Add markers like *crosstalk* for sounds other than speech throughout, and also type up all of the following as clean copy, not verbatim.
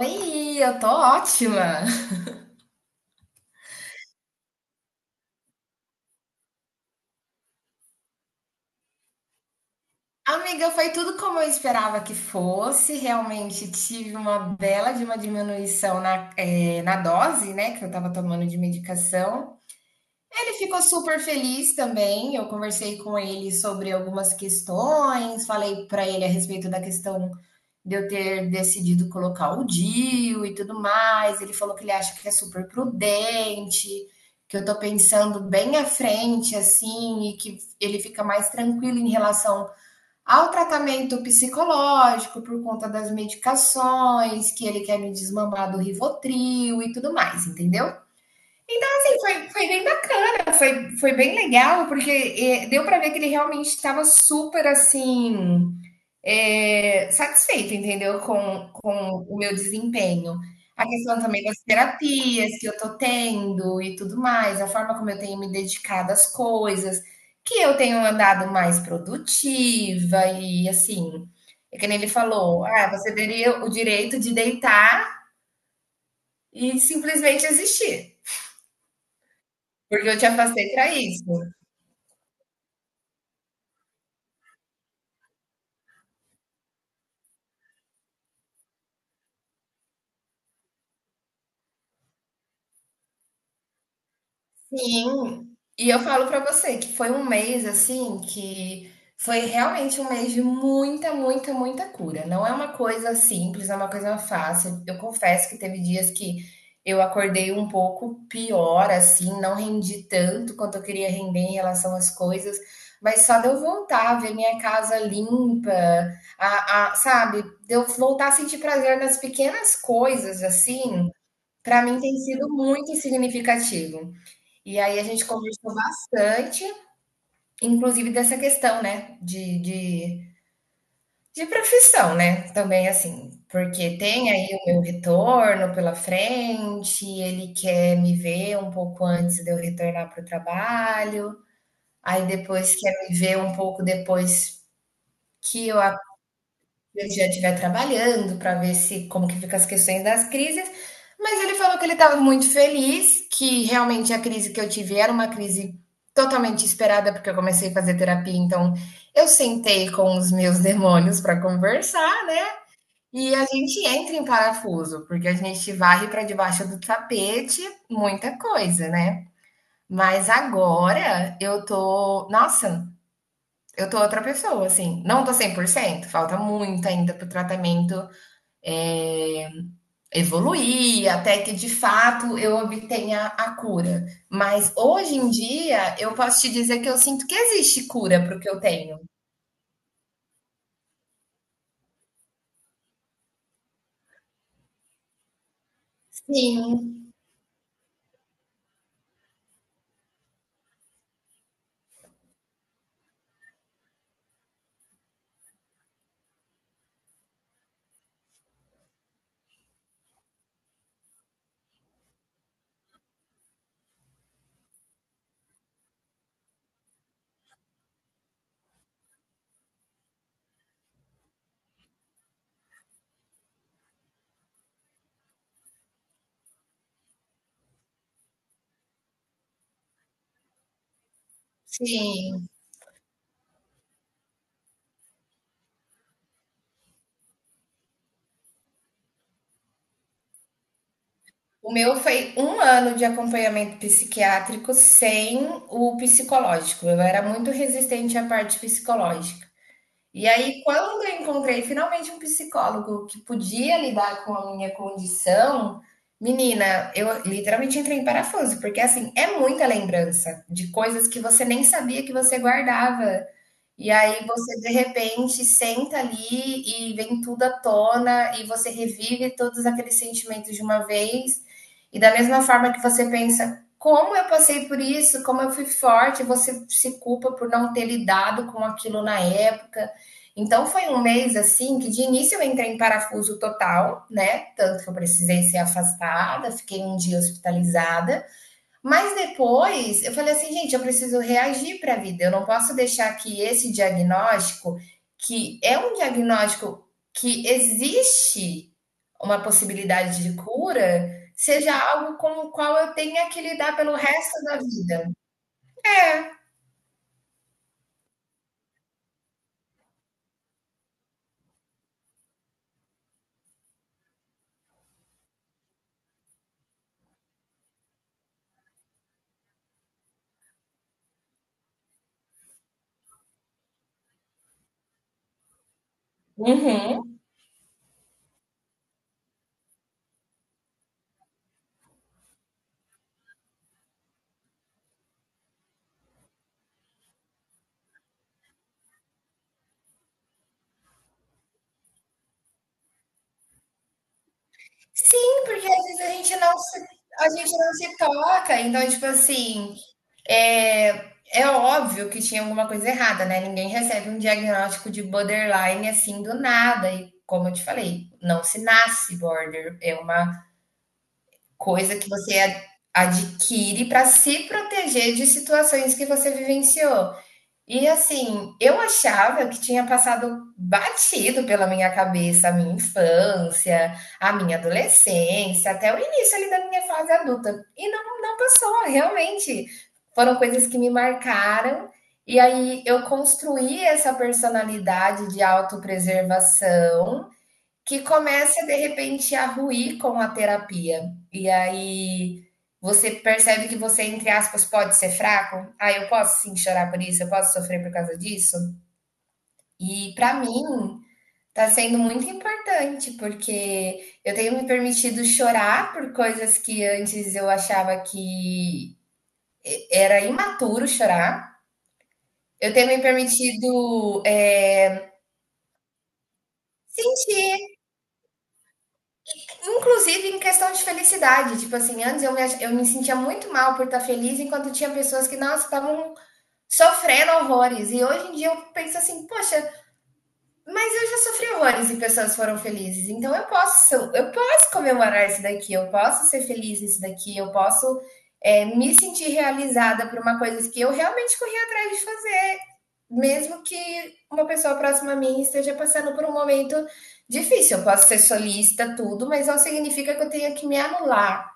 Oi, eu tô ótima. Amiga, foi tudo como eu esperava que fosse. Realmente tive uma bela de uma diminuição na, na dose, né, que eu tava tomando de medicação. Ele ficou super feliz também. Eu conversei com ele sobre algumas questões, falei pra ele a respeito da questão de eu ter decidido colocar o DIU e tudo mais. Ele falou que ele acha que é super prudente, que eu tô pensando bem à frente, assim, e que ele fica mais tranquilo em relação ao tratamento psicológico por conta das medicações, que ele quer me desmamar do Rivotril e tudo mais, entendeu? Então, assim, foi bem bacana, foi bem legal, porque deu pra ver que ele realmente estava super, assim, é, satisfeita, entendeu? Com o meu desempenho. A questão também das terapias que eu tô tendo e tudo mais, a forma como eu tenho me dedicado às coisas, que eu tenho andado mais produtiva e assim, é que nem ele falou, ah, você teria o direito de deitar e simplesmente existir, porque eu te afastei para isso. Sim, e eu falo pra você que foi um mês assim que foi realmente um mês de muita, muita, muita cura. Não é uma coisa simples, não é uma coisa fácil. Eu confesso que teve dias que eu acordei um pouco pior, assim, não rendi tanto quanto eu queria render em relação às coisas, mas só de eu voltar, ver minha casa limpa, sabe, de eu voltar a sentir prazer nas pequenas coisas, assim, pra mim tem sido muito significativo. E aí a gente conversou bastante, inclusive dessa questão, né, de profissão, né, também assim, porque tem aí o meu retorno pela frente, ele quer me ver um pouco antes de eu retornar para o trabalho, aí depois quer me ver um pouco depois que eu Mediante vai trabalhando para ver se como que fica as questões das crises, mas ele falou que ele estava muito feliz, que realmente a crise que eu tive era uma crise totalmente esperada, porque eu comecei a fazer terapia, então eu sentei com os meus *laughs* demônios para conversar, né? E a gente entra em parafuso, porque a gente varre para debaixo do tapete muita coisa, né? Mas agora eu tô, nossa, eu tô outra pessoa, assim. Não tô 100%, falta muito ainda pro tratamento é, evoluir até que de fato eu obtenha a cura. Mas hoje em dia eu posso te dizer que eu sinto que existe cura para o que eu tenho. Sim, sim. O meu foi um ano de acompanhamento psiquiátrico sem o psicológico. Eu era muito resistente à parte psicológica. E aí, quando eu encontrei finalmente um psicólogo que podia lidar com a minha condição, menina, eu literalmente entrei em parafuso, porque assim, é muita lembrança de coisas que você nem sabia que você guardava. E aí você de repente senta ali e vem tudo à tona e você revive todos aqueles sentimentos de uma vez. E da mesma forma que você pensa, como eu passei por isso, como eu fui forte, você se culpa por não ter lidado com aquilo na época. Então foi um mês assim que de início eu entrei em parafuso total, né? Tanto que eu precisei ser afastada, fiquei um dia hospitalizada. Mas depois eu falei assim, gente, eu preciso reagir para a vida. Eu não posso deixar que esse diagnóstico, que é um diagnóstico que existe uma possibilidade de cura, seja algo com o qual eu tenha que lidar pelo resto da vida. É. Uhum. Sim, porque às vezes a gente não se toca. Então, tipo assim, é, é óbvio que tinha alguma coisa errada, né? Ninguém recebe um diagnóstico de borderline assim do nada. E como eu te falei, não se nasce border. É uma coisa que você adquire para se proteger de situações que você vivenciou. E assim, eu achava que tinha passado batido pela minha cabeça a minha infância, a minha adolescência, até o início ali da minha fase adulta. E não, não passou, realmente. Foram coisas que me marcaram. E aí eu construí essa personalidade de autopreservação que começa de repente a ruir com a terapia. E aí você percebe que você, entre aspas, pode ser fraco. Ah, eu posso sim chorar por isso, eu posso sofrer por causa disso. E pra mim tá sendo muito importante, porque eu tenho me permitido chorar por coisas que antes eu achava que era imaturo chorar. Eu tenho me permitido, sentir inclusive em questão de felicidade, tipo assim, antes eu me sentia muito mal por estar feliz, enquanto tinha pessoas que, nossa, estavam sofrendo horrores. E hoje em dia eu penso assim, poxa, mas eu já sofri horrores e pessoas foram felizes. Então eu posso comemorar isso daqui, eu posso ser feliz nisso daqui, eu posso, me sentir realizada por uma coisa que eu realmente corri atrás de mesmo que uma pessoa próxima a mim esteja passando por um momento difícil. Eu posso ser solista, tudo, mas não significa que eu tenha que me anular.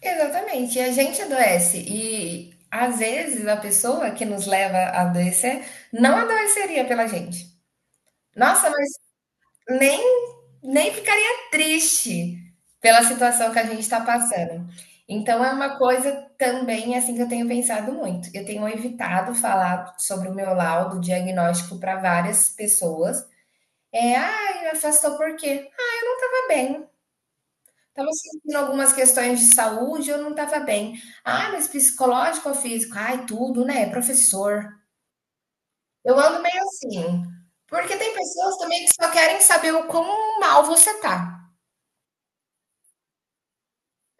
Exatamente, e a gente adoece. E às vezes a pessoa que nos leva a adoecer não adoeceria pela gente. Nossa, mas nem nem ficaria triste pela situação que a gente está passando. Então, é uma coisa também assim que eu tenho pensado muito. Eu tenho evitado falar sobre o meu laudo diagnóstico para várias pessoas. É, ah, me afastou por quê? Estava bem. Estava sentindo algumas questões de saúde, eu não estava bem. Ah, mas psicológico ou físico? Ai, tudo, né? Professor. Eu ando meio assim. Porque tem pessoas também que só querem saber o quão mal você tá.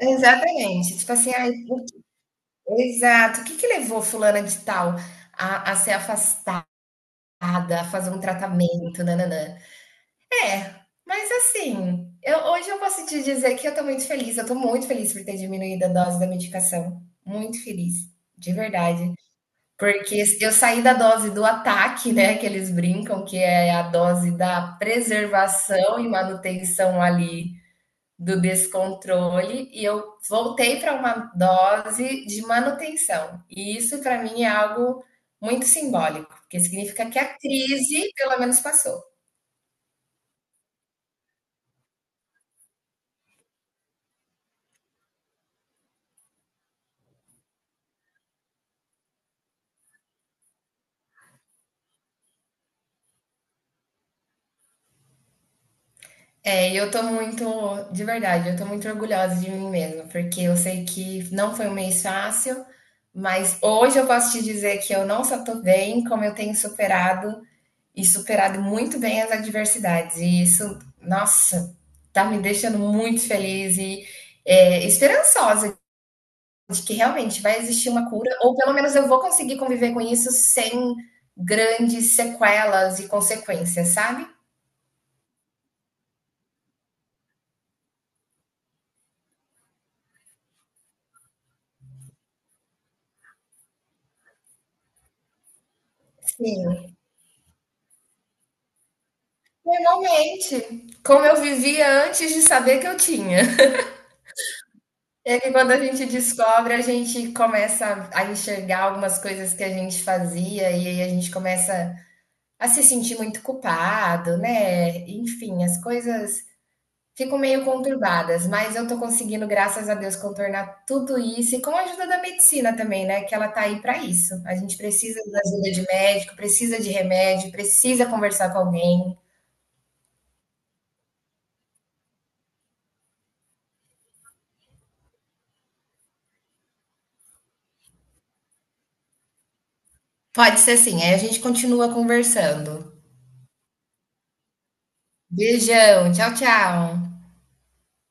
Exatamente. Tipo assim, ai, exato. O que que levou fulana de tal a ser afastada, a fazer um tratamento, nananã? É, mas assim, eu hoje eu posso te dizer que eu estou muito feliz, eu estou muito feliz por ter diminuído a dose da medicação, muito feliz, de verdade. Porque eu saí da dose do ataque, né, que eles brincam, que é a dose da preservação e manutenção ali do descontrole e eu voltei para uma dose de manutenção. E isso para mim é algo muito simbólico, porque significa que a crise pelo menos passou. É, e eu tô muito, de verdade, eu tô muito orgulhosa de mim mesma, porque eu sei que não foi um mês fácil, mas hoje eu posso te dizer que eu não só tô bem, como eu tenho superado e superado muito bem as adversidades. E isso, nossa, tá me deixando muito feliz e esperançosa de que realmente vai existir uma cura, ou pelo menos eu vou conseguir conviver com isso sem grandes sequelas e consequências, sabe? Sim, normalmente, como eu vivia antes de saber que eu tinha. *laughs* É que quando a gente descobre, a gente começa a enxergar algumas coisas que a gente fazia e aí a gente começa a se sentir muito culpado, né? Enfim, as coisas ficam meio conturbadas, mas eu tô conseguindo, graças a Deus, contornar tudo isso e com a ajuda da medicina também, né? Que ela tá aí pra isso. A gente precisa da ajuda de médico, precisa de remédio, precisa conversar com alguém. Pode ser assim, aí a gente continua conversando. Beijão, tchau, tchau.